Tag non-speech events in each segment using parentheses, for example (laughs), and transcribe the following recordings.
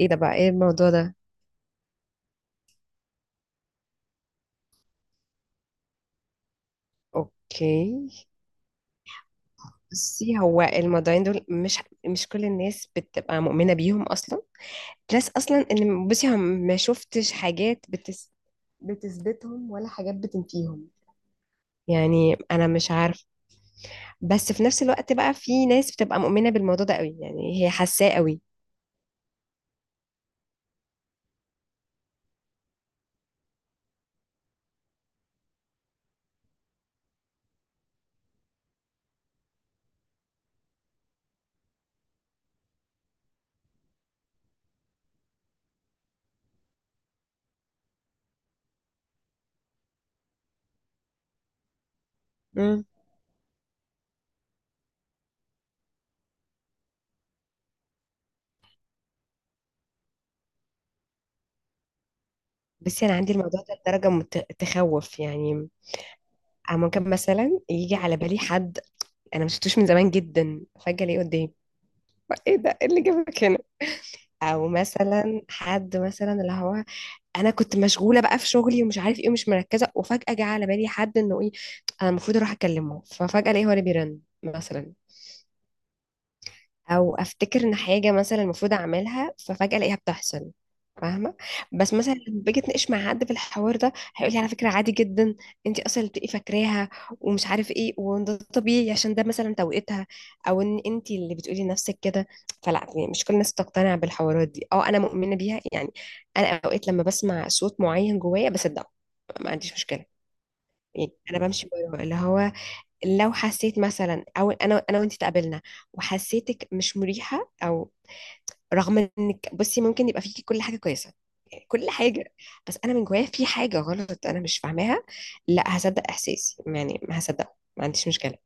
ايه ده بقى؟ ايه الموضوع ده؟ اوكي، بصي هو الموضوعين دول مش كل الناس بتبقى مؤمنة بيهم اصلا. بلس اصلا ان بصي هم ما شفتش حاجات بتثبتهم ولا حاجات بتنفيهم، يعني انا مش عارفه. بس في نفس الوقت بقى في ناس بتبقى مؤمنة بالموضوع ده قوي، يعني هي حاساه قوي. امم. بس انا عندي الموضوع ده لدرجه تخوف يعني. أنا ممكن مثلا يجي على بالي حد انا ما شفتوش من زمان جدا، فجاه الاقيه قدامي. ايه ده؟ إيه اللي جابك؟ او مثلا حد مثلا اللي هو انا كنت مشغوله بقى في شغلي ومش عارف ايه ومش مركزه، وفجاه جه على بالي حد انه ايه، انا المفروض اروح اكلمه، ففجاه الاقيه هو اللي بيرن مثلا. او افتكر ان حاجه مثلا المفروض اعملها ففجاه الاقيها بتحصل. فاهمه؟ بس مثلا لما باجي اتناقش مع حد في الحوار ده هيقول لي على فكره عادي جدا، انت اصلا اللي بتبقي فاكراها ومش عارف ايه، وان ده طبيعي عشان ده مثلا توقيتها، او ان انت اللي بتقولي لنفسك كده. فلا يعني مش كل الناس تقتنع بالحوارات دي. اه، انا مؤمنه بيها يعني. انا اوقات لما بسمع صوت معين جوايا بصدقه، ما عنديش مشكله. يعني انا بمشي وراه. اللي هو لو حسيت مثلا، او انا وانت تقابلنا وحسيتك مش مريحه، او رغم انك بصي ممكن يبقى فيكي كل حاجه كويسه، يعني كل حاجه، بس انا من جوايا في حاجه غلط انا مش فاهماها، لا هصدق احساسي يعني، ما هصدقه، ما عنديش مشكله.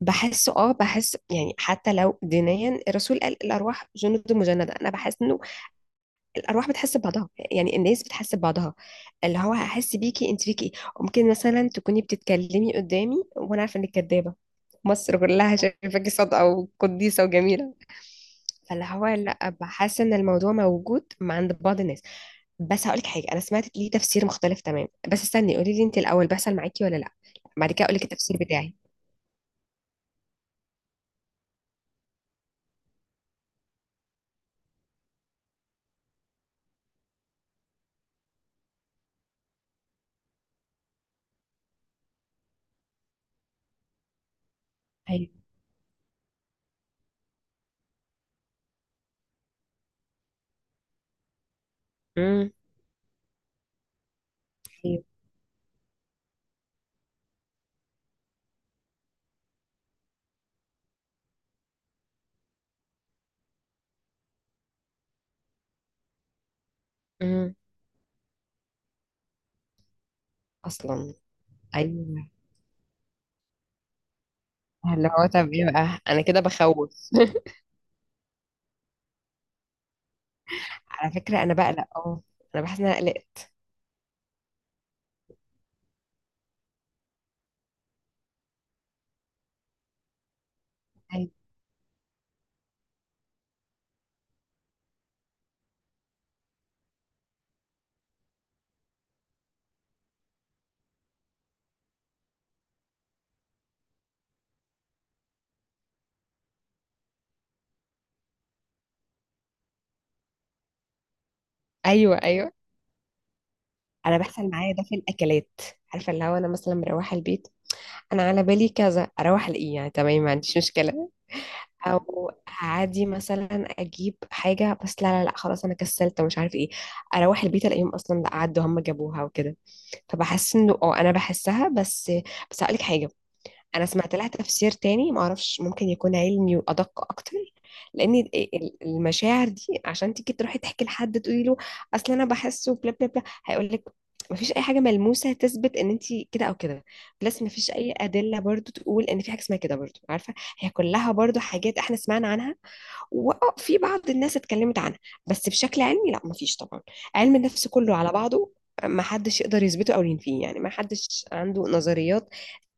بحسه، اه بحس يعني حتى لو دينيا الرسول قال الارواح جند مجنده، انا بحس انه الارواح بتحس ببعضها، يعني الناس بتحس ببعضها. اللي هو هحس بيكي انت فيكي ايه. ممكن مثلا تكوني بتتكلمي قدامي وانا عارفه انك كدابه، مصر كلها شايفاكي صادقه وقديسه وجميله. فاللي هو لا، بحس ان الموضوع موجود مع عند بعض الناس. بس هقولك حاجه، انا سمعت ليه تفسير مختلف تمام، بس استني قولي لي انت الاول، بيحصل معاكي ولا لا؟ بعد كده اقولك التفسير بتاعي. ايوه. امم. ايوه. امم. اصلا. ايوه. اللي هو طب ايه بقى، انا كده بخوف. على فكرة أنا بقلق، أه. أنا بحس إن أنا قلقت. أيوه، أيوه، أيوه. أنا بحصل معايا ده في الأكلات. عارفة اللي هو أنا مثلا مروحة البيت، أنا على بالي كذا، أروح ألاقيه، يعني تمام ما عنديش مشكلة. أو عادي مثلا أجيب حاجة، بس لا لا لا، خلاص أنا كسلت ومش عارف إيه، أروح البيت ألاقيهم أصلا لا، عدوا هم جابوها وكده. فبحس إنه أه أنا بحسها. بس بس هقولك حاجة، انا سمعت لها تفسير تاني ما اعرفش، ممكن يكون علمي وادق اكتر. لان المشاعر دي عشان تيجي تروحي تحكي لحد تقولي له اصل انا بحس وبلا بلا بلا، هيقول لك ما فيش اي حاجه ملموسه تثبت ان انت كده او كده. بلس ما فيش اي ادله برضو تقول ان في حاجه اسمها كده برضو، عارفه؟ هي كلها برضو حاجات احنا سمعنا عنها، وفي بعض الناس اتكلمت عنها، بس بشكل علمي لا ما فيش طبعا. علم النفس كله على بعضه ما حدش يقدر يثبته او ينفيه، يعني ما حدش عنده نظريات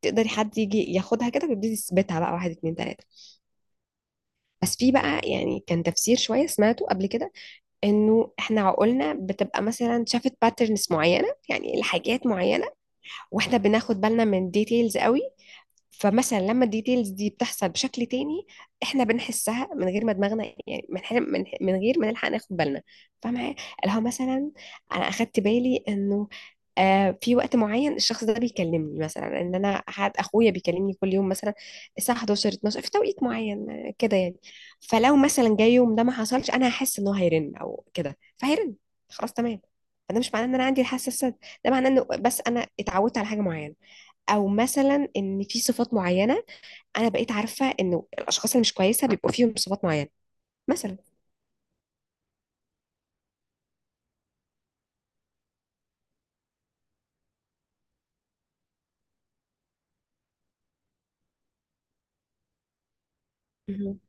تقدري حد يجي ياخدها كده ويبتدي يثبتها بقى واحد اتنين تلاته. بس في بقى يعني كان تفسير شويه سمعته قبل كده، انه احنا عقولنا بتبقى مثلا شافت باترنز معينه، يعني الحاجات معينه، واحنا بناخد بالنا من ديتيلز قوي، فمثلا لما الديتيلز دي بتحصل بشكل تاني احنا بنحسها من غير ما دماغنا، يعني من غير ما نلحق ناخد بالنا. فاهمة إيه؟ اللي هو مثلا انا اخدت بالي انه آه، في وقت معين الشخص ده بيكلمني، مثلا ان انا حد اخويا بيكلمني كل يوم مثلا الساعه 11 12 في توقيت معين كده يعني. فلو مثلا جاي يوم ده ما حصلش انا هحس انه هيرن او كده، فهيرن، خلاص تمام. فده مش معناه ان انا عندي الحساسه، ده معناه انه بس انا اتعودت على حاجه معينه. او مثلا ان في صفات معينه، انا بقيت عارفه انه الاشخاص اللي مش كويسه بيبقوا فيهم صفات معينه مثلا. مهم.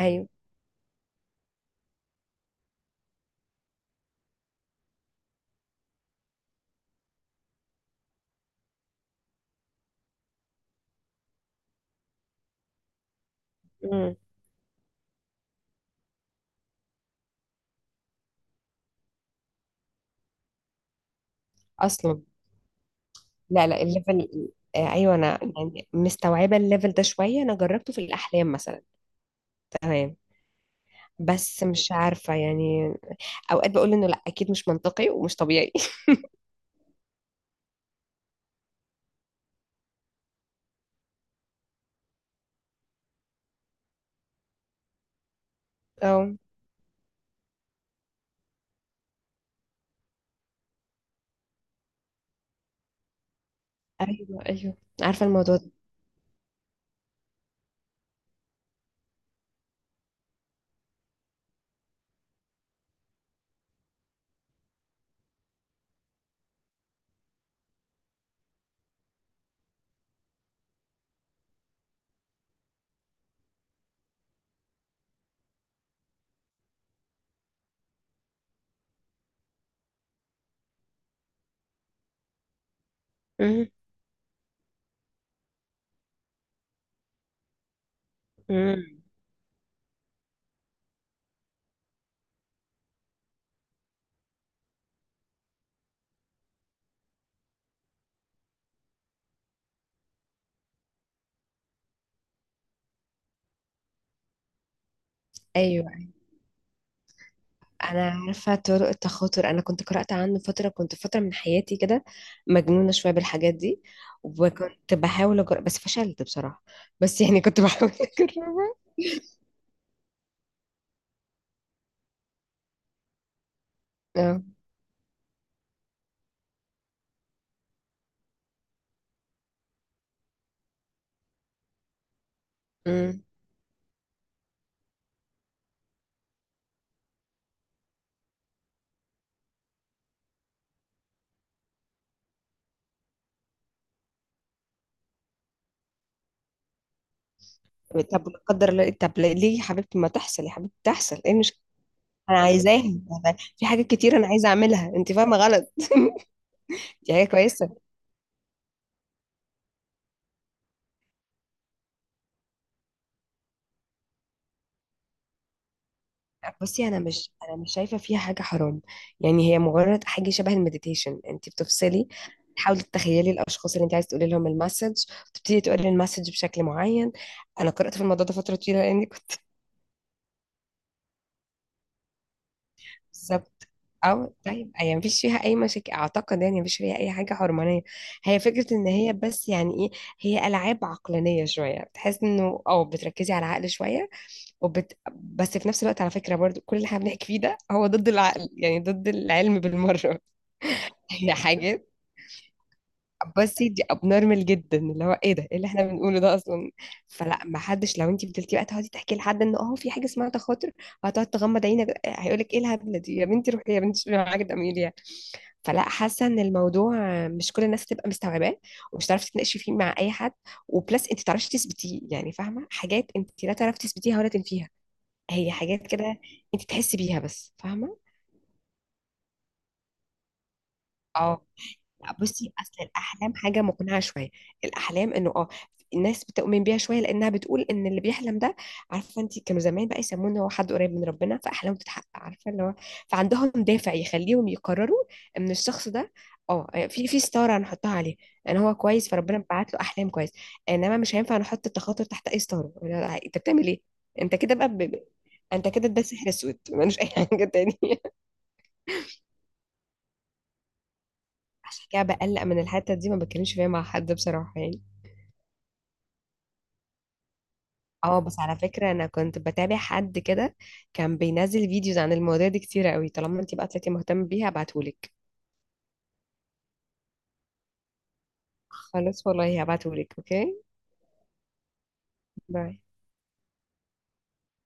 ايوه. مم. اصلا. لا لا، الليفل، آه، ايوه انا يعني مستوعبه الليفل ده شويه، انا جربته في الاحلام مثلا. تمام. بس مش عارفه يعني، اوقات بقول انه لا اكيد مش منطقي ومش طبيعي. (laughs) اه، ايوه ايوه عارفه الموضوع ده. مم. مم. ايوه انا عارفه طرق التخاطر، انا كنت قرات عنه فتره، كنت فتره من حياتي كده مجنونه شويه بالحاجات دي، وكنت بحاول أجرب بس فشلت بصراحه، بس يعني كنت بحاول (laughs) اجربها. اه. أمم. طب لا قدر الله، طب ليه يا حبيبتي ما تحصل، يا حبيبتي تحصل ايه؟ مش انا عايزاها؟ في حاجات كتير انا عايزه اعملها، انت فاهمه غلط. (laughs) دي حاجه كويسه. بصي انا مش، انا مش شايفه فيها حاجه حرام، يعني هي مجرد حاجه شبه المديتيشن، انت بتفصلي، تحاولي تتخيلي الاشخاص اللي انت عايز تقولي لهم المسج، تبتدي تقولي المسج بشكل معين. انا قرات في الموضوع ده فتره طويله لاني كنت، بالظبط. او طيب يعني مفيش فيها اي مشاكل اعتقد، يعني مفيش فيها اي حاجه حرمانيه. هي فكره ان هي بس يعني ايه، هي العاب عقلانيه شويه، بتحس انه او بتركزي على العقل شويه، بس في نفس الوقت على فكره برضو كل اللي احنا بنحكي فيه ده هو ضد العقل، يعني ضد العلم بالمره. هي حاجة، بصي دي ابنورمال جدا، اللي هو ايه ده، ايه اللي احنا بنقوله ده اصلا. فلا، ما حدش، لو انت فضلتي بقى تقعدي تحكي لحد ان اه في حاجه اسمها تخاطر وهتقعد تغمض عينك، هيقول لك ايه الهبله دي، يا بنتي روحي يا بنتي شوفي معاك ده مين يعني. فلا، حاسه ان الموضوع مش كل الناس تبقى مستوعباه، ومش تعرفي تناقشي فيه مع اي حد، وبلس انت تعرفي تثبتيه، يعني فاهمه حاجات انت لا تعرفي تثبتيها ولا تنفيها، هي حاجات كده انت تحسي بيها بس، فاهمه. اه. لا بصي اصل الاحلام حاجه مقنعه شويه، الاحلام انه اه الناس بتؤمن بيها شويه، لانها بتقول ان اللي بيحلم ده، عارفه انت كانوا زمان بقى يسمونه هو حد قريب من ربنا فاحلامه بتتحقق، عارفه اللي هو، فعندهم دافع يخليهم يقرروا ان الشخص ده اه، آه، في ستاره هنحطها عليه ان هو كويس فربنا بعت له احلام كويس. انما مش هينفع نحط التخاطر تحت اي ستاره، لا، انت بتعمل ايه، انت كده بقى انت كده ده سحر اسود ملوش اي حاجه تانية. (laughs) عشان كده بقلق من الحته دي، ما بتكلمش فيها مع حد بصراحه يعني. اه، بس على فكرة انا كنت بتابع حد كده كان بينزل فيديوز عن المواضيع دي كتير قوي، طالما انت بقى طلعتي مهتمة بيها هبعتهولك. خلاص والله هبعتهولك. اوكي، باي.